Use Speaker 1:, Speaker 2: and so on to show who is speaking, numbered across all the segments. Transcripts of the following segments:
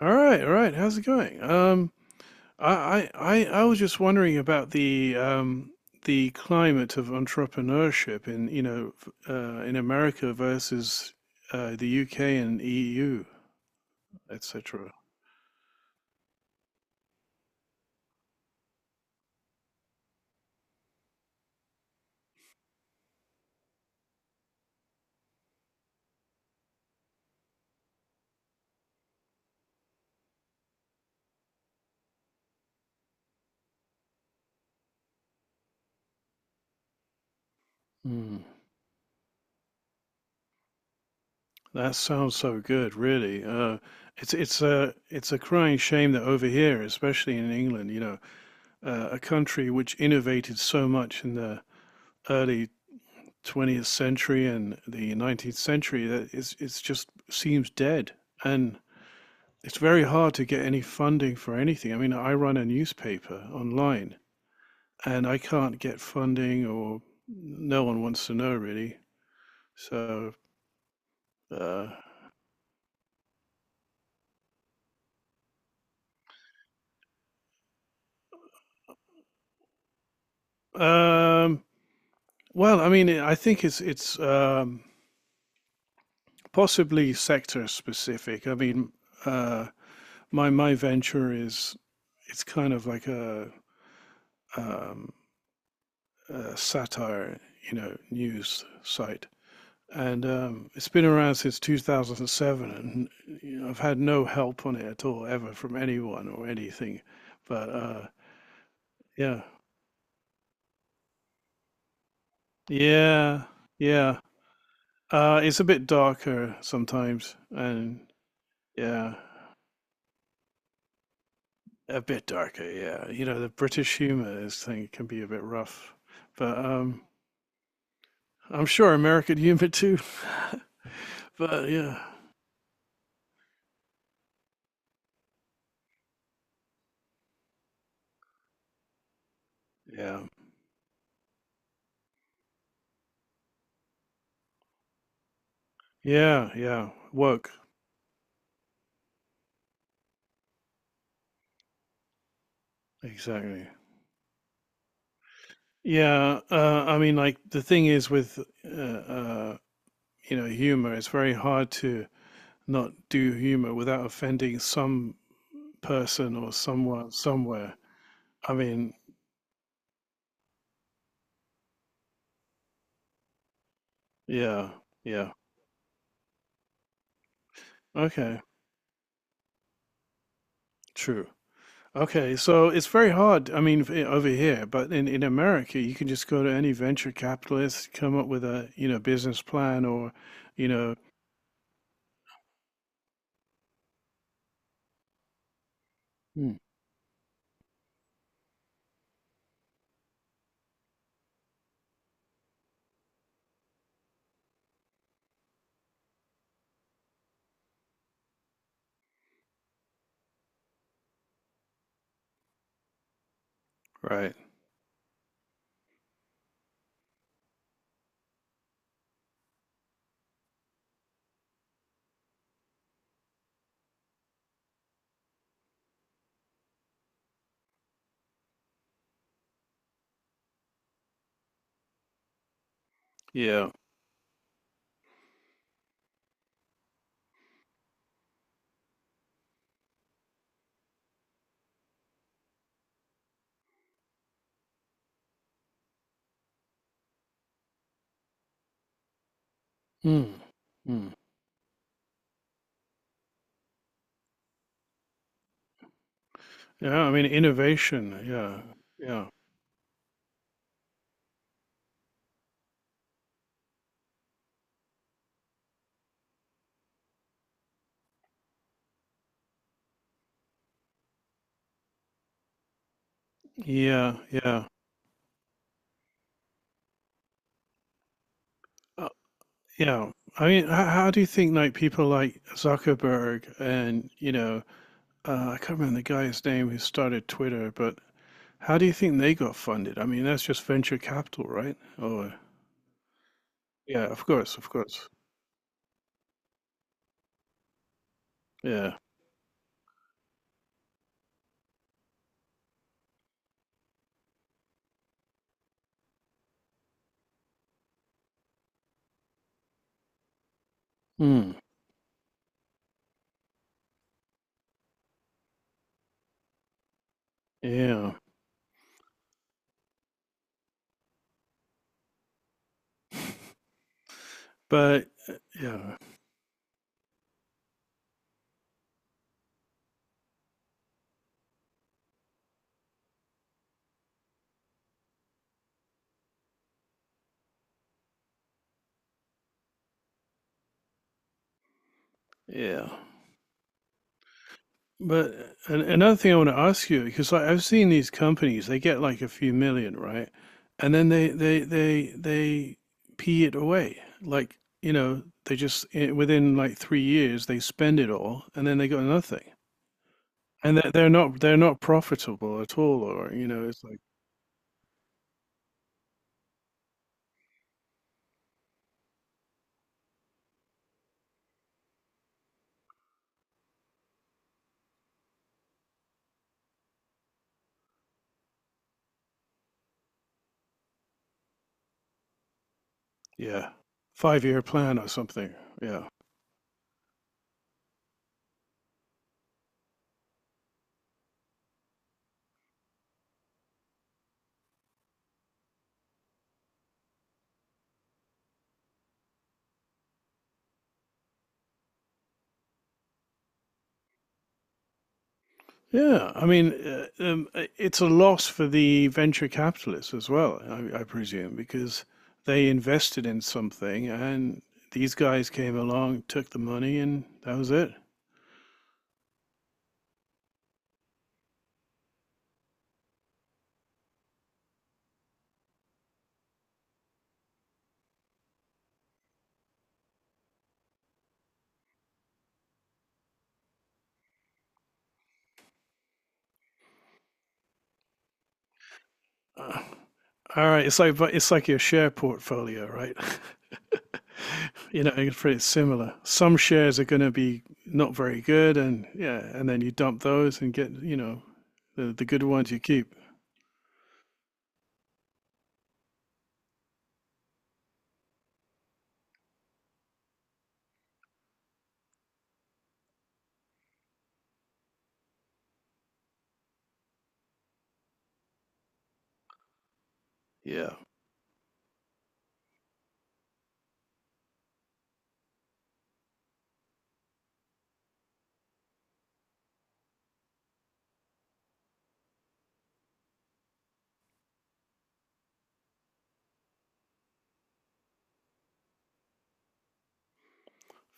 Speaker 1: All right, all right. How's it going? I was just wondering about the climate of entrepreneurship in, you know, f- in America versus the UK and EU, etc. Mm. That sounds so good, really. It's a crying shame that over here, especially in England, a country which innovated so much in the early 20th century and the 19th century, that is, it's just seems dead, and it's very hard to get any funding for anything. I mean, I run a newspaper online, and I can't get funding, or no one wants to know, really. So, uh, um, well, I mean, I think it's possibly sector specific. I mean, uh, my venture is, it's kind of like a um, satire, news site. And it's been around since 2007, and I've had no help on it at all, ever, from anyone or anything. But yeah, yeah, yeah. It's a bit darker sometimes, and, yeah, a bit darker. Yeah, the British humor is thing can be a bit rough, but I'm sure American humor too. But yeah, yeah, yeah, yeah. Woke. Exactly. Yeah, I mean, like, the thing is with uh, uh, humor, it's very hard to not do humor without offending some person or someone somewhere. I mean, yeah, yeah. Okay, true. Okay, so it's very hard. I mean, over here, but in America, you can just go to any venture capitalist, come up with a business plan, or you know. Mm. Right. Yeah. Mm. Mm. Yeah, I mean, innovation. Yeah, yeah, yeah, yeah, uh, yeah. I mean, how do you think, like, people like Zuckerberg and, I can't remember the guy's name who started Twitter, but how do you think they got funded? I mean, that's just venture capital, right? Oh, yeah, of course, of course. Yeah. Mm, yeah. But yeah, yeah. But another thing I want to ask you, because, like, I've seen these companies, they get like a few million, right? And then they pee it away. Like, they just within like 3 years they spend it all, and then they got nothing. And they're not profitable at all, or, it's like, yeah, 5 year plan or something. Yeah. Yeah, I mean, it's a loss for the venture capitalists as well, I presume, because they invested in something, and these guys came along, took the money, and that was it. Uh, all right, it's like your share portfolio, right? It's pretty similar. Some shares are going to be not very good, and, yeah, and then you dump those and get the good ones you keep. Yeah.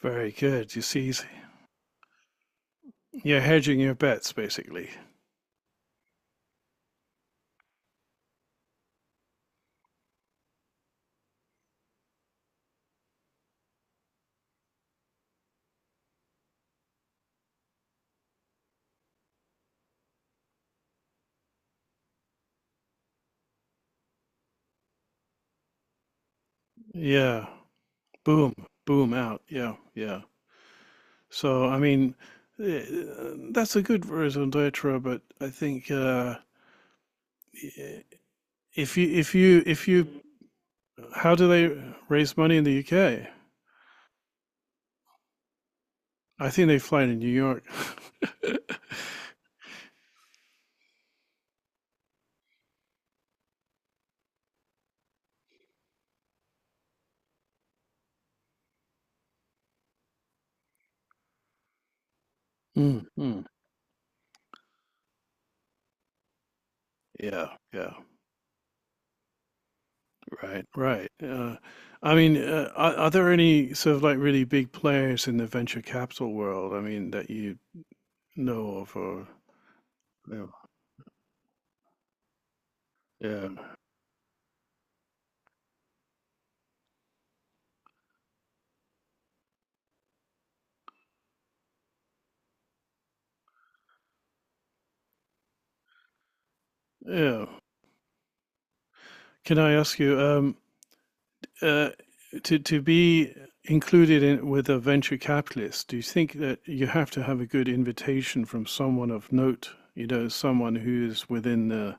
Speaker 1: Very good. You see, you're hedging your bets, basically. Yeah. Boom. Boom out. Yeah. Yeah. So, I mean, eh, that's a good raison d'etre, but I think, eh, if you, if you, if you, how do they raise money in the UK? I think they fly to New York. Mm, mm. Yeah. Yeah. Right. Right. I mean, are there any sort of, like, really big players in the venture capital world? I mean, that you know of, or yeah, yeah, yeah. Can I ask you, uh, to be included in with a venture capitalist? Do you think that you have to have a good invitation from someone of note? You know, someone who is within the,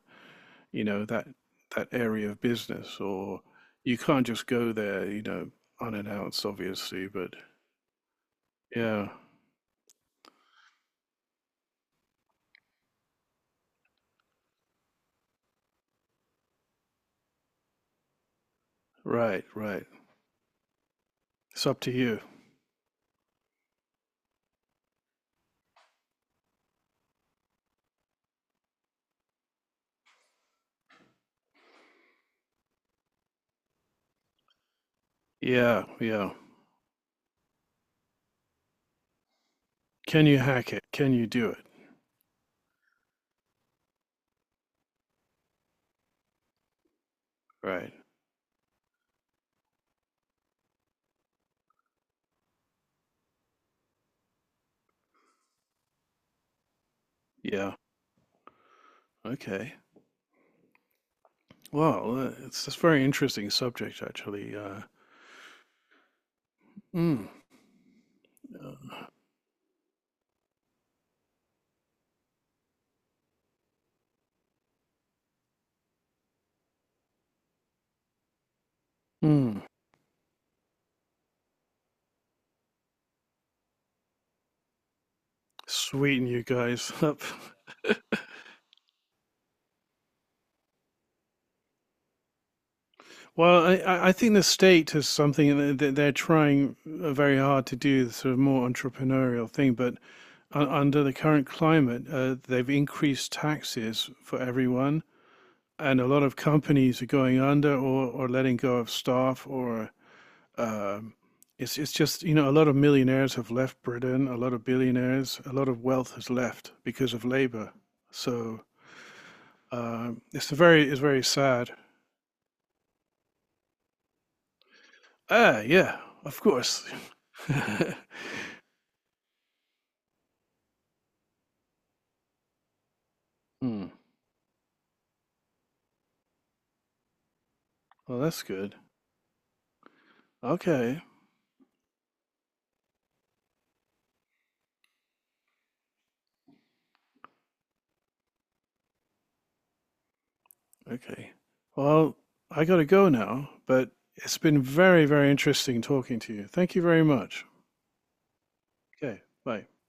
Speaker 1: you know that that area of business, or you can't just go there, unannounced, obviously. But yeah, right, right. It's up to you. Yeah, yeah. Can you hack it? Can you do it? Right. Yeah. Okay. Well, it's this very interesting subject, actually. Mm, uh, mm, Sweeten you guys up. Well, I think the state is something that they're trying, very hard to do, the sort of more entrepreneurial thing. But under the current climate, they've increased taxes for everyone, and a lot of companies are going under, or letting go of staff, or... Um, it's just a lot of millionaires have left Britain, a lot of billionaires, a lot of wealth has left because of labor. So it's very sad. Ah, yeah, of course. Hmm. Well, that's good. Okay, okay. Well, I gotta go now, but it's been very, very interesting talking to you. Thank you very much. Okay, bye.